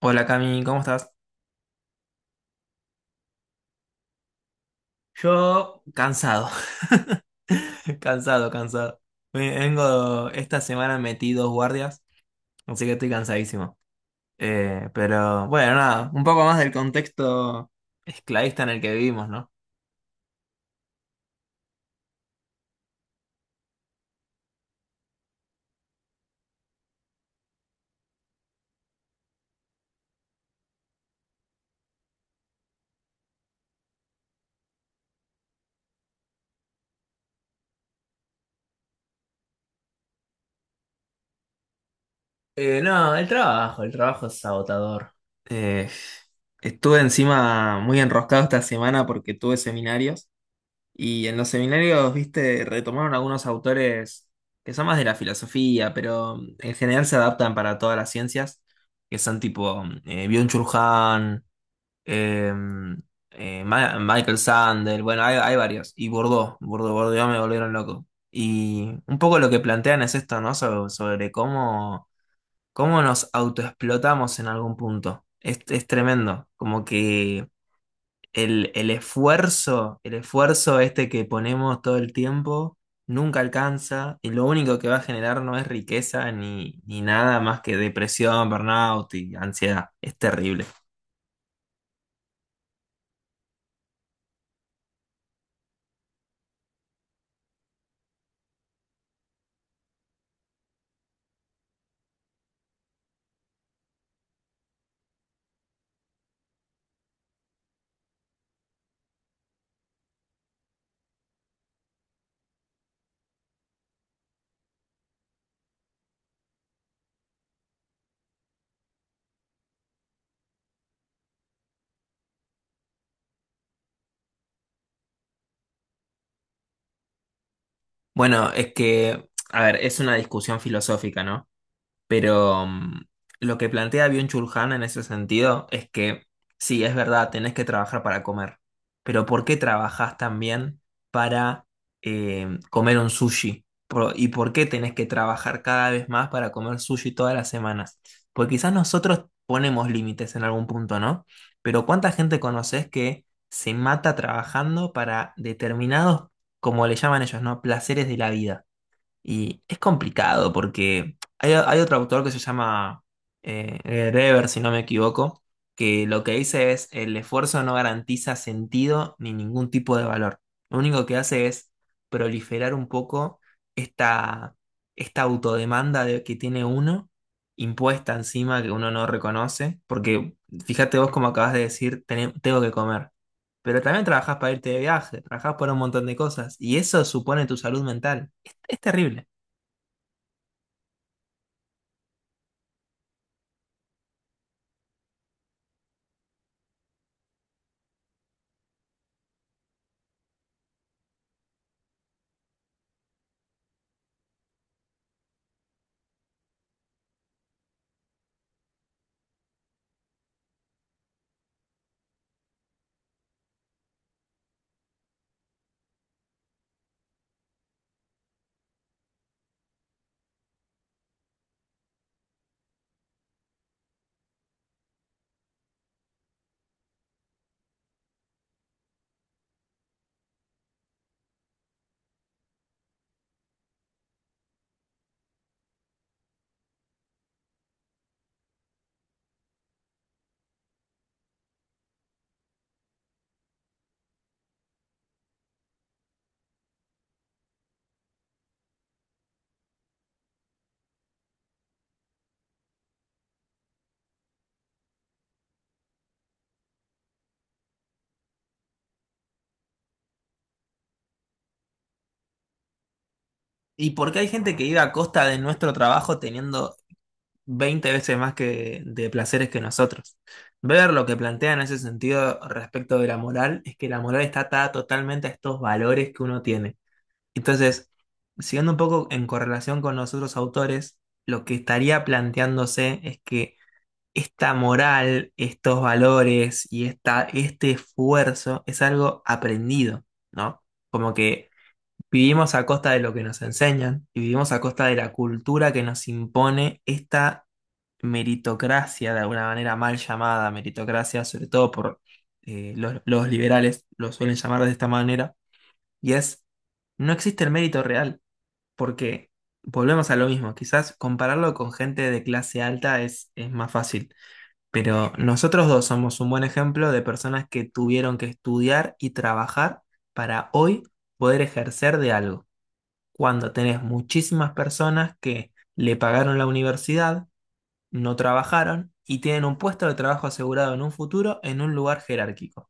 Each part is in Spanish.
Hola Cami, ¿cómo estás? Yo cansado, cansado, cansado. Vengo esta semana metí dos guardias, así que estoy cansadísimo. Pero bueno, nada, un poco más del contexto esclavista en el que vivimos, ¿no? No, el trabajo es agotador. Eh, Estuve encima muy enroscado esta semana porque tuve seminarios. Y en los seminarios, viste, retomaron algunos autores que son más de la filosofía, pero en general se adaptan para todas las ciencias, que son tipo Byung-Chul Han, eh, Michael Sandel, bueno, hay varios, y Bourdieu, Bourdieu, Bourdieu me volvieron loco. Y un poco lo que plantean es esto, ¿no? Sobre cómo nos autoexplotamos en algún punto. Es tremendo, como que el esfuerzo este que ponemos todo el tiempo, nunca alcanza y lo único que va a generar no es riqueza ni nada más que depresión, burnout y ansiedad. Es terrible. Bueno, es que, a ver, es una discusión filosófica, ¿no? Pero lo que plantea Byung Chulhan en ese sentido es que sí, es verdad, tenés que trabajar para comer, pero ¿por qué trabajás también para comer un sushi? ¿Y por qué tenés que trabajar cada vez más para comer sushi todas las semanas? Porque quizás nosotros ponemos límites en algún punto, ¿no? Pero ¿cuánta gente conoces que se mata trabajando para determinados, como le llaman ellos, ¿no? ¿Placeres de la vida? Y es complicado porque hay otro autor que se llama Dever, si no me equivoco, que lo que dice es el esfuerzo no garantiza sentido ni ningún tipo de valor. Lo único que hace es proliferar un poco esta, esta autodemanda que tiene uno, impuesta encima que uno no reconoce, porque fíjate vos como acabas de decir, Tengo que comer, pero también trabajás para irte de viaje, trabajás para un montón de cosas, y eso supone tu salud mental. Es terrible. ¿Y por qué hay gente que vive a costa de nuestro trabajo teniendo 20 veces más que de placeres que nosotros? Ver lo que plantea en ese sentido respecto de la moral es que la moral está atada totalmente a estos valores que uno tiene. Entonces, siguiendo un poco en correlación con los otros autores, lo que estaría planteándose es que esta moral, estos valores y este esfuerzo es algo aprendido, ¿no? Como que vivimos a costa de lo que nos enseñan y vivimos a costa de la cultura que nos impone esta meritocracia, de alguna manera mal llamada meritocracia, sobre todo por los liberales, lo suelen llamar de esta manera, y es, no existe el mérito real, porque volvemos a lo mismo, quizás compararlo con gente de clase alta es más fácil, pero nosotros dos somos un buen ejemplo de personas que tuvieron que estudiar y trabajar para hoy poder ejercer de algo cuando tenés muchísimas personas que le pagaron la universidad, no trabajaron y tienen un puesto de trabajo asegurado en un futuro en un lugar jerárquico.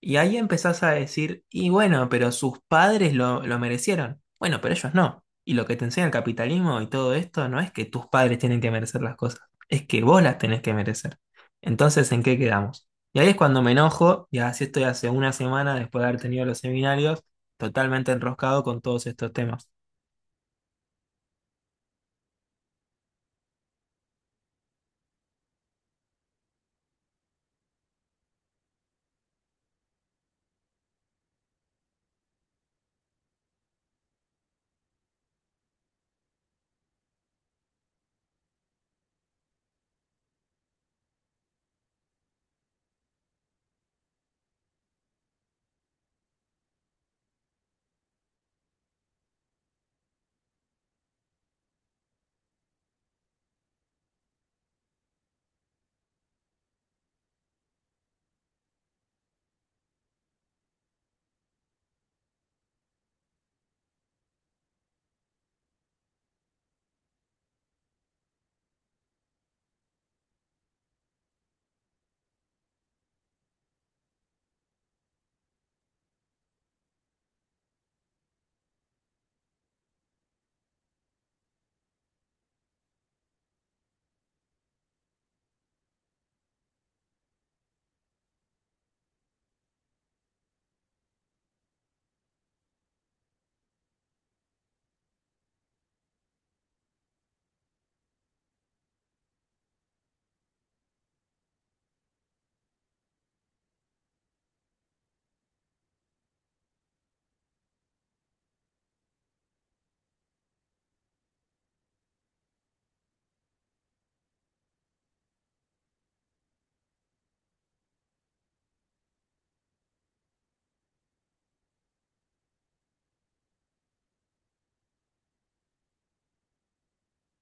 Y ahí empezás a decir, y bueno, pero sus padres lo merecieron. Bueno, pero ellos no. Y lo que te enseña el capitalismo y todo esto no es que tus padres tienen que merecer las cosas, es que vos las tenés que merecer. Entonces, ¿en qué quedamos? Y ahí es cuando me enojo, y así estoy hace una semana después de haber tenido los seminarios, totalmente enroscado con todos estos temas.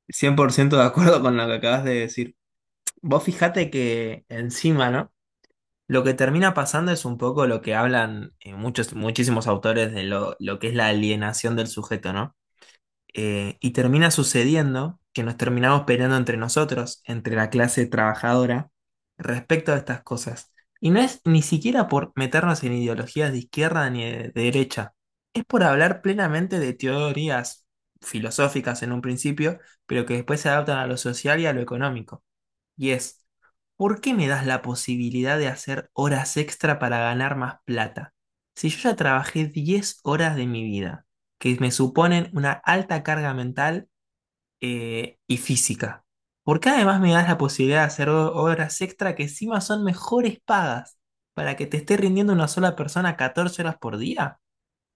100% de acuerdo con lo que acabas de decir. Vos fijate que encima, ¿no? Lo que termina pasando es un poco lo que hablan muchos, muchísimos autores de lo que es la alienación del sujeto, ¿no? Y termina sucediendo que nos terminamos peleando entre nosotros, entre la clase trabajadora, respecto a estas cosas. Y no es ni siquiera por meternos en ideologías de izquierda ni de derecha, es por hablar plenamente de teorías filosóficas en un principio, pero que después se adaptan a lo social y a lo económico. Y es, ¿por qué me das la posibilidad de hacer horas extra para ganar más plata? Si yo ya trabajé 10 horas de mi vida, que me suponen una alta carga mental y física, ¿por qué además me das la posibilidad de hacer horas extra que encima son mejores pagas para que te esté rindiendo una sola persona 14 horas por día?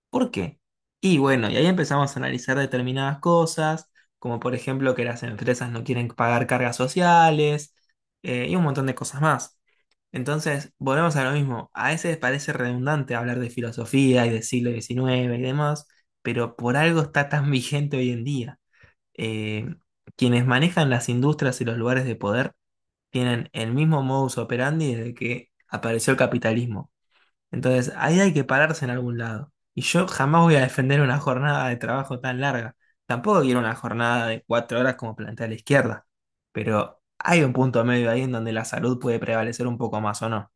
¿Por qué? Y bueno, y ahí empezamos a analizar determinadas cosas, como por ejemplo que las empresas no quieren pagar cargas sociales y un montón de cosas más. Entonces, volvemos a lo mismo. A veces parece redundante hablar de filosofía y del siglo XIX y demás, pero por algo está tan vigente hoy en día. Eh, Quienes manejan las industrias y los lugares de poder tienen el mismo modus operandi desde que apareció el capitalismo. Entonces, ahí hay que pararse en algún lado. Y yo jamás voy a defender una jornada de trabajo tan larga. Tampoco quiero una jornada de 4 horas como plantea la izquierda. Pero hay un punto medio ahí en donde la salud puede prevalecer un poco más o no.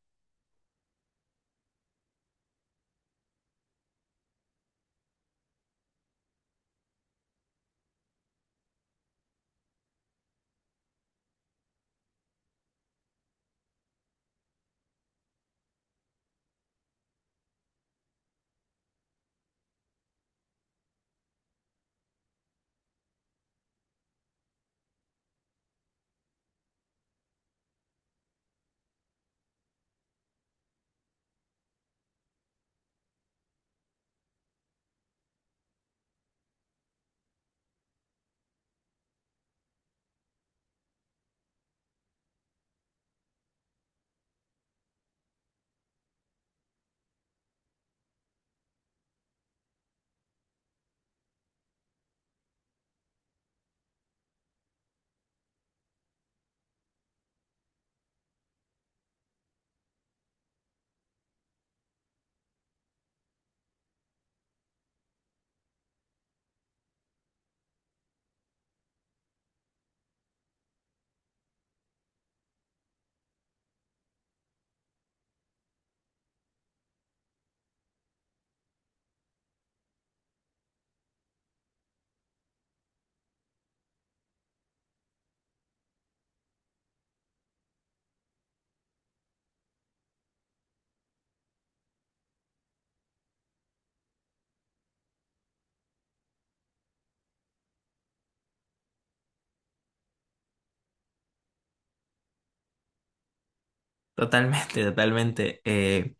Totalmente, totalmente.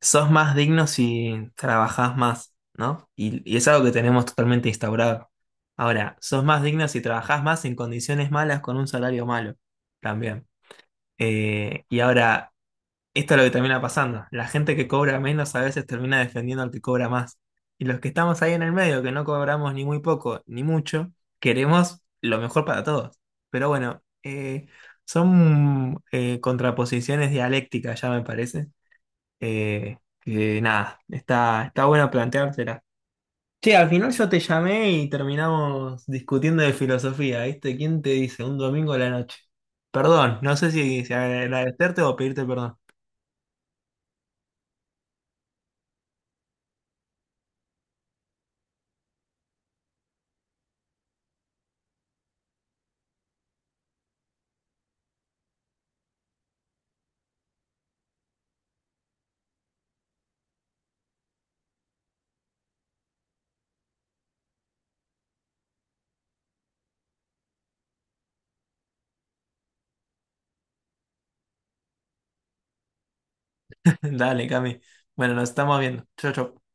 Sos más digno si trabajás más, ¿no? Y es algo que tenemos totalmente instaurado. Ahora, sos más digno si trabajás más en condiciones malas con un salario malo. También. Y ahora, esto es lo que termina pasando. La gente que cobra menos a veces termina defendiendo al que cobra más. Y los que estamos ahí en el medio, que no cobramos ni muy poco ni mucho, queremos lo mejor para todos. Pero bueno, son contraposiciones dialécticas, ya me parece. Que nada, está bueno planteártela. Che, al final yo te llamé y terminamos discutiendo de filosofía, ¿viste? ¿Quién te dice? Un domingo a la noche. Perdón, no sé si agradecerte o pedirte perdón. Dale, Cami. Bueno, nos estamos viendo. Chao, chao.